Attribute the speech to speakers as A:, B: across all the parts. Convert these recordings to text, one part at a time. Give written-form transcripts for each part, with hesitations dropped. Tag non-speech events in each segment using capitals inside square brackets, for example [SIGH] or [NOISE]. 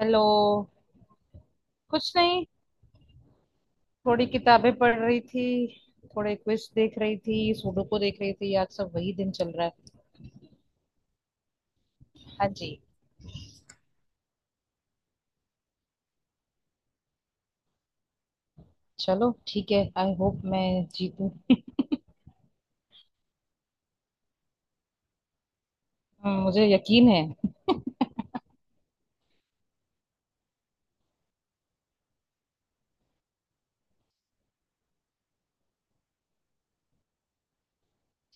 A: Hello. कुछ नहीं। थोड़ी किताबें पढ़ रही थी। थोड़े क्विज देख रही थी, सुडोकू देख रही थी, आज सब वही दिन चल रहा है। हाँ जी। चलो ठीक है, आई होप मैं जीतूं। मुझे यकीन है।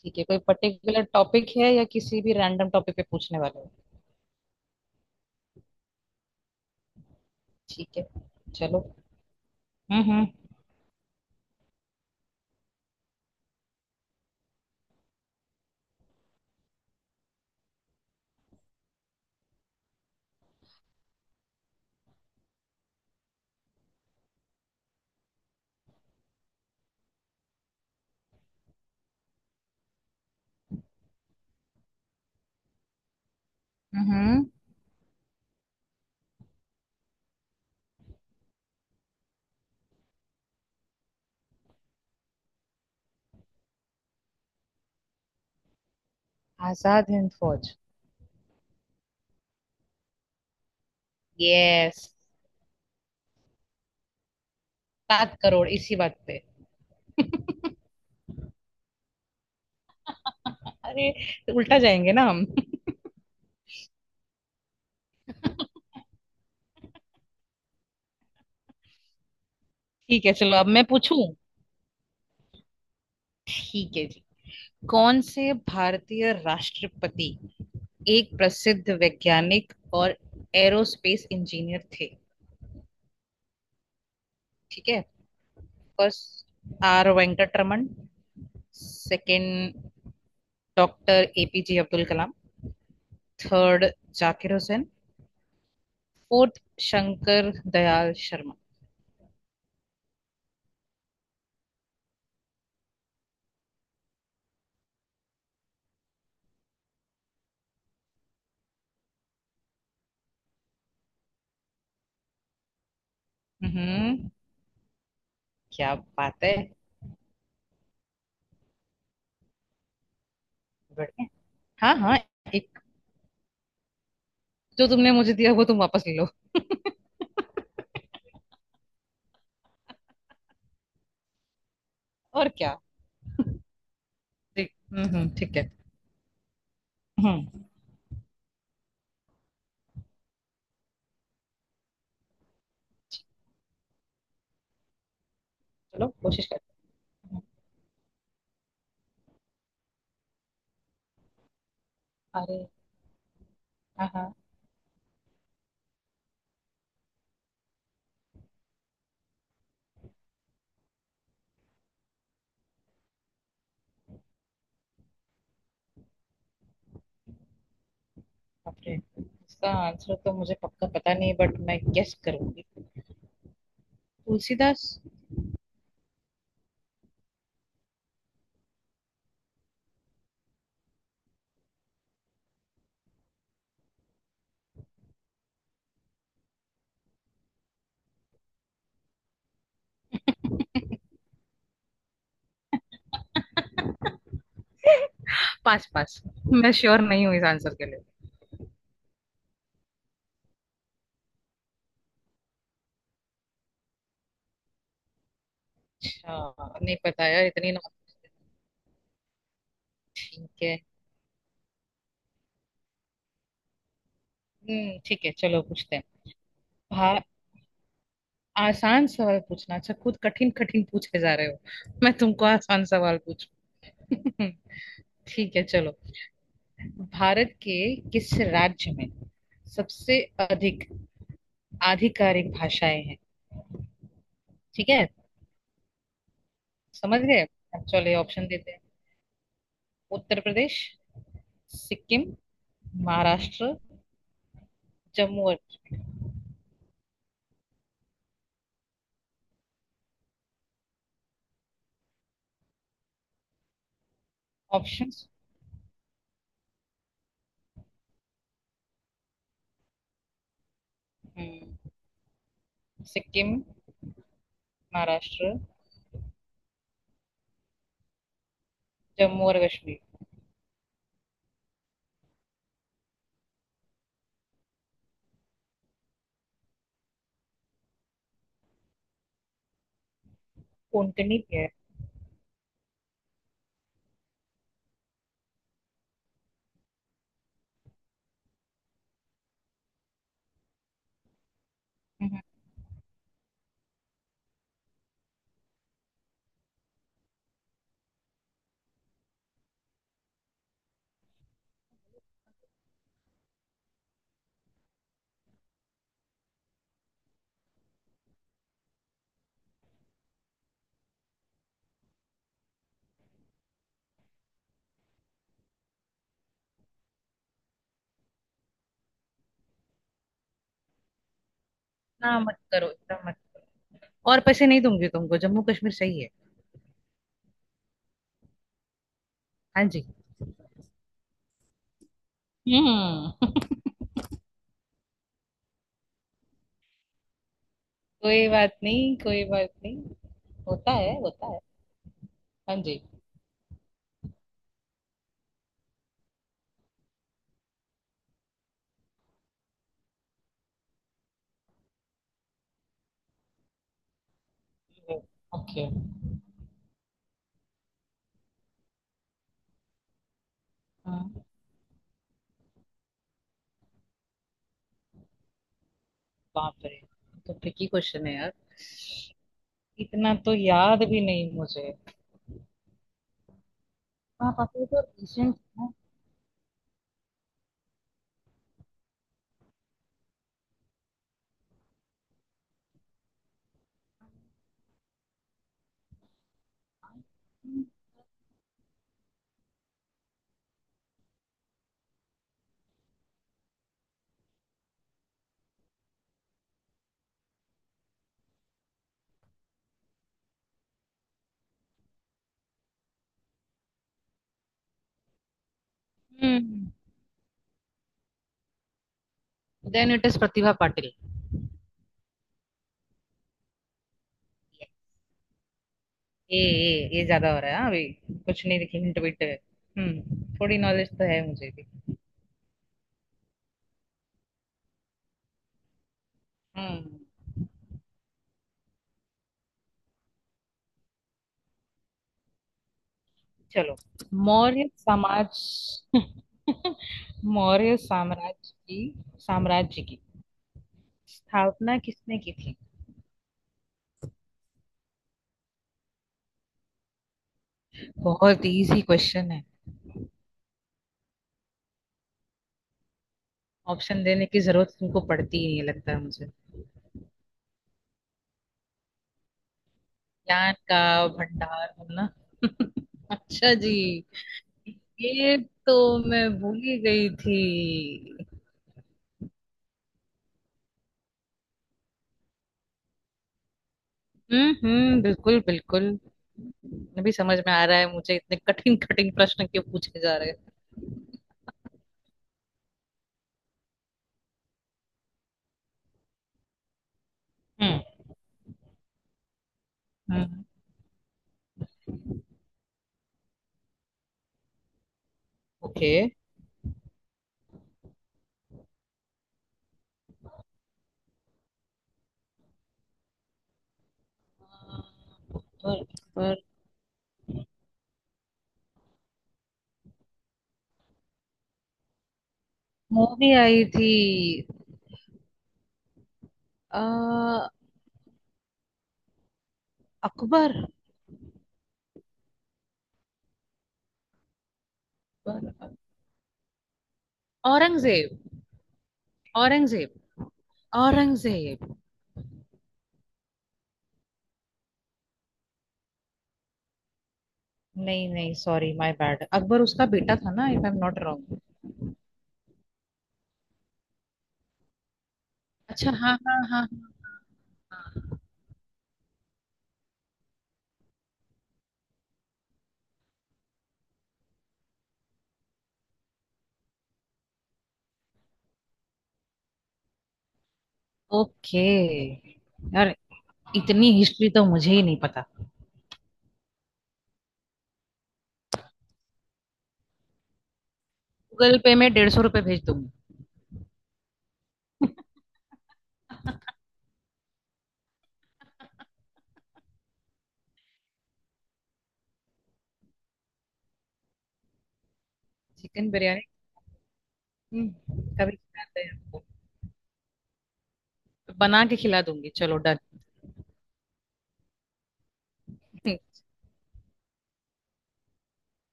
A: ठीक है, कोई पर्टिकुलर टॉपिक है या किसी भी रैंडम टॉपिक पे पूछने वाले हो। ठीक है। चलो। हम्म हम्म हम्म आजाद हिंद फौज। यस। 7 करोड़ इसी बात पे। अरे, तो उल्टा जाएंगे ना हम। [LAUGHS] ठीक है, चलो अब मैं पूछूं। ठीक है जी। कौन से भारतीय राष्ट्रपति एक प्रसिद्ध वैज्ञानिक और एरोस्पेस इंजीनियर थे? ठीक है। First, R Venkataraman. Second, doctor APJ Abdul Kalam. Third, Zakir Hussain. Fourth, Shankar Dayal Sharma. हम्म। क्या बात है। बढ़िया। हाँ हाँ। एक जो तुमने मुझे दिया वो तुम वापस ले लो। और क्या। ठीक ठीक है। हम्म चलो कोशिश करते हैं। अरे। हाँ हाँ। बापरे, इसका आंसर तो मुझे पक्का पता नहीं, बट मैं गेस करूंगी। तुलसीदास। पास पास। मैं श्योर नहीं हूँ इस आंसर के लिए। अच्छा नहीं पता यार, इतनी नॉट। ठीक है। ठीक है, चलो पूछते हैं। भा आसान सवाल पूछना, अच्छा खुद कठिन कठिन पूछे जा रहे हो, मैं तुमको आसान सवाल पूछूं। [LAUGHS] ठीक है, चलो। भारत के किस राज्य में सबसे अधिक आधिकारिक भाषाएं हैं? ठीक है। समझ गए। अब चलो ऑप्शन देते हैं। उत्तर प्रदेश। सिक्किम। महाराष्ट्र। जम्मू और ऑप्शंस। हम्म। सिक्किम, महाराष्ट्र, जम्मू और कश्मीर। कोंकणी भी है। हम्म, ना मत करो, इतना मत। और पैसे नहीं दूंगी तुमको, जम्मू कश्मीर सही है। हाँ जी। हम्म। [LAUGHS] कोई बात नहीं, कोई बात नहीं। होता है, होता है। हाँ जी। ओके। हाँ। बाप रे, तो ट्रिकी क्वेश्चन है यार। इतना तो याद भी नहीं मुझे। हाँ पापा, ये तो रिसेंट है। Hmm then it is Pratibha Patil. ये ज्यादा हो रहा है, हाँ अभी। कुछ नहीं देखी, हिंट विंट। थोड़ी नॉलेज तो है मुझे भी। हम्म। चलो, मौर्य समाज। [LAUGHS] मौर्य साम्राज्य की स्थापना किसने की थी? बहुत इजी क्वेश्चन है। ऑप्शन देने की जरूरत तुमको पड़ती ही नहीं लगता है मुझे। ज्ञान का भंडार है ना। [LAUGHS] अच्छा जी। ये तो मैं भूल ही गई थी। हम्म, बिल्कुल बिल्कुल। अभी समझ में आ रहा है मुझे, इतने कठिन कठिन प्रश्न क्यों पूछे जा रहे हैं। हम्म हम्म। ओके। पर, पर मूवी आई थी। आ, अकबर। पर- औरंगजेब। औरंगजेब। औरंगजेब। नहीं नहीं, सॉरी माय बैड, अकबर उसका बेटा था ना, if I am not wrong. अच्छा हाँ हाँ हाँ। ओके। यार इतनी हिस्ट्री तो मुझे ही नहीं पता। गूगल पे में 150 रुपये भेज दूंगी। चिकन बिरयानी। हम्म, कभी खिलाते हैं। बना के खिला दूंगी, चलो डन।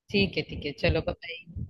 A: ठीक है, ठीक है, चलो बाय।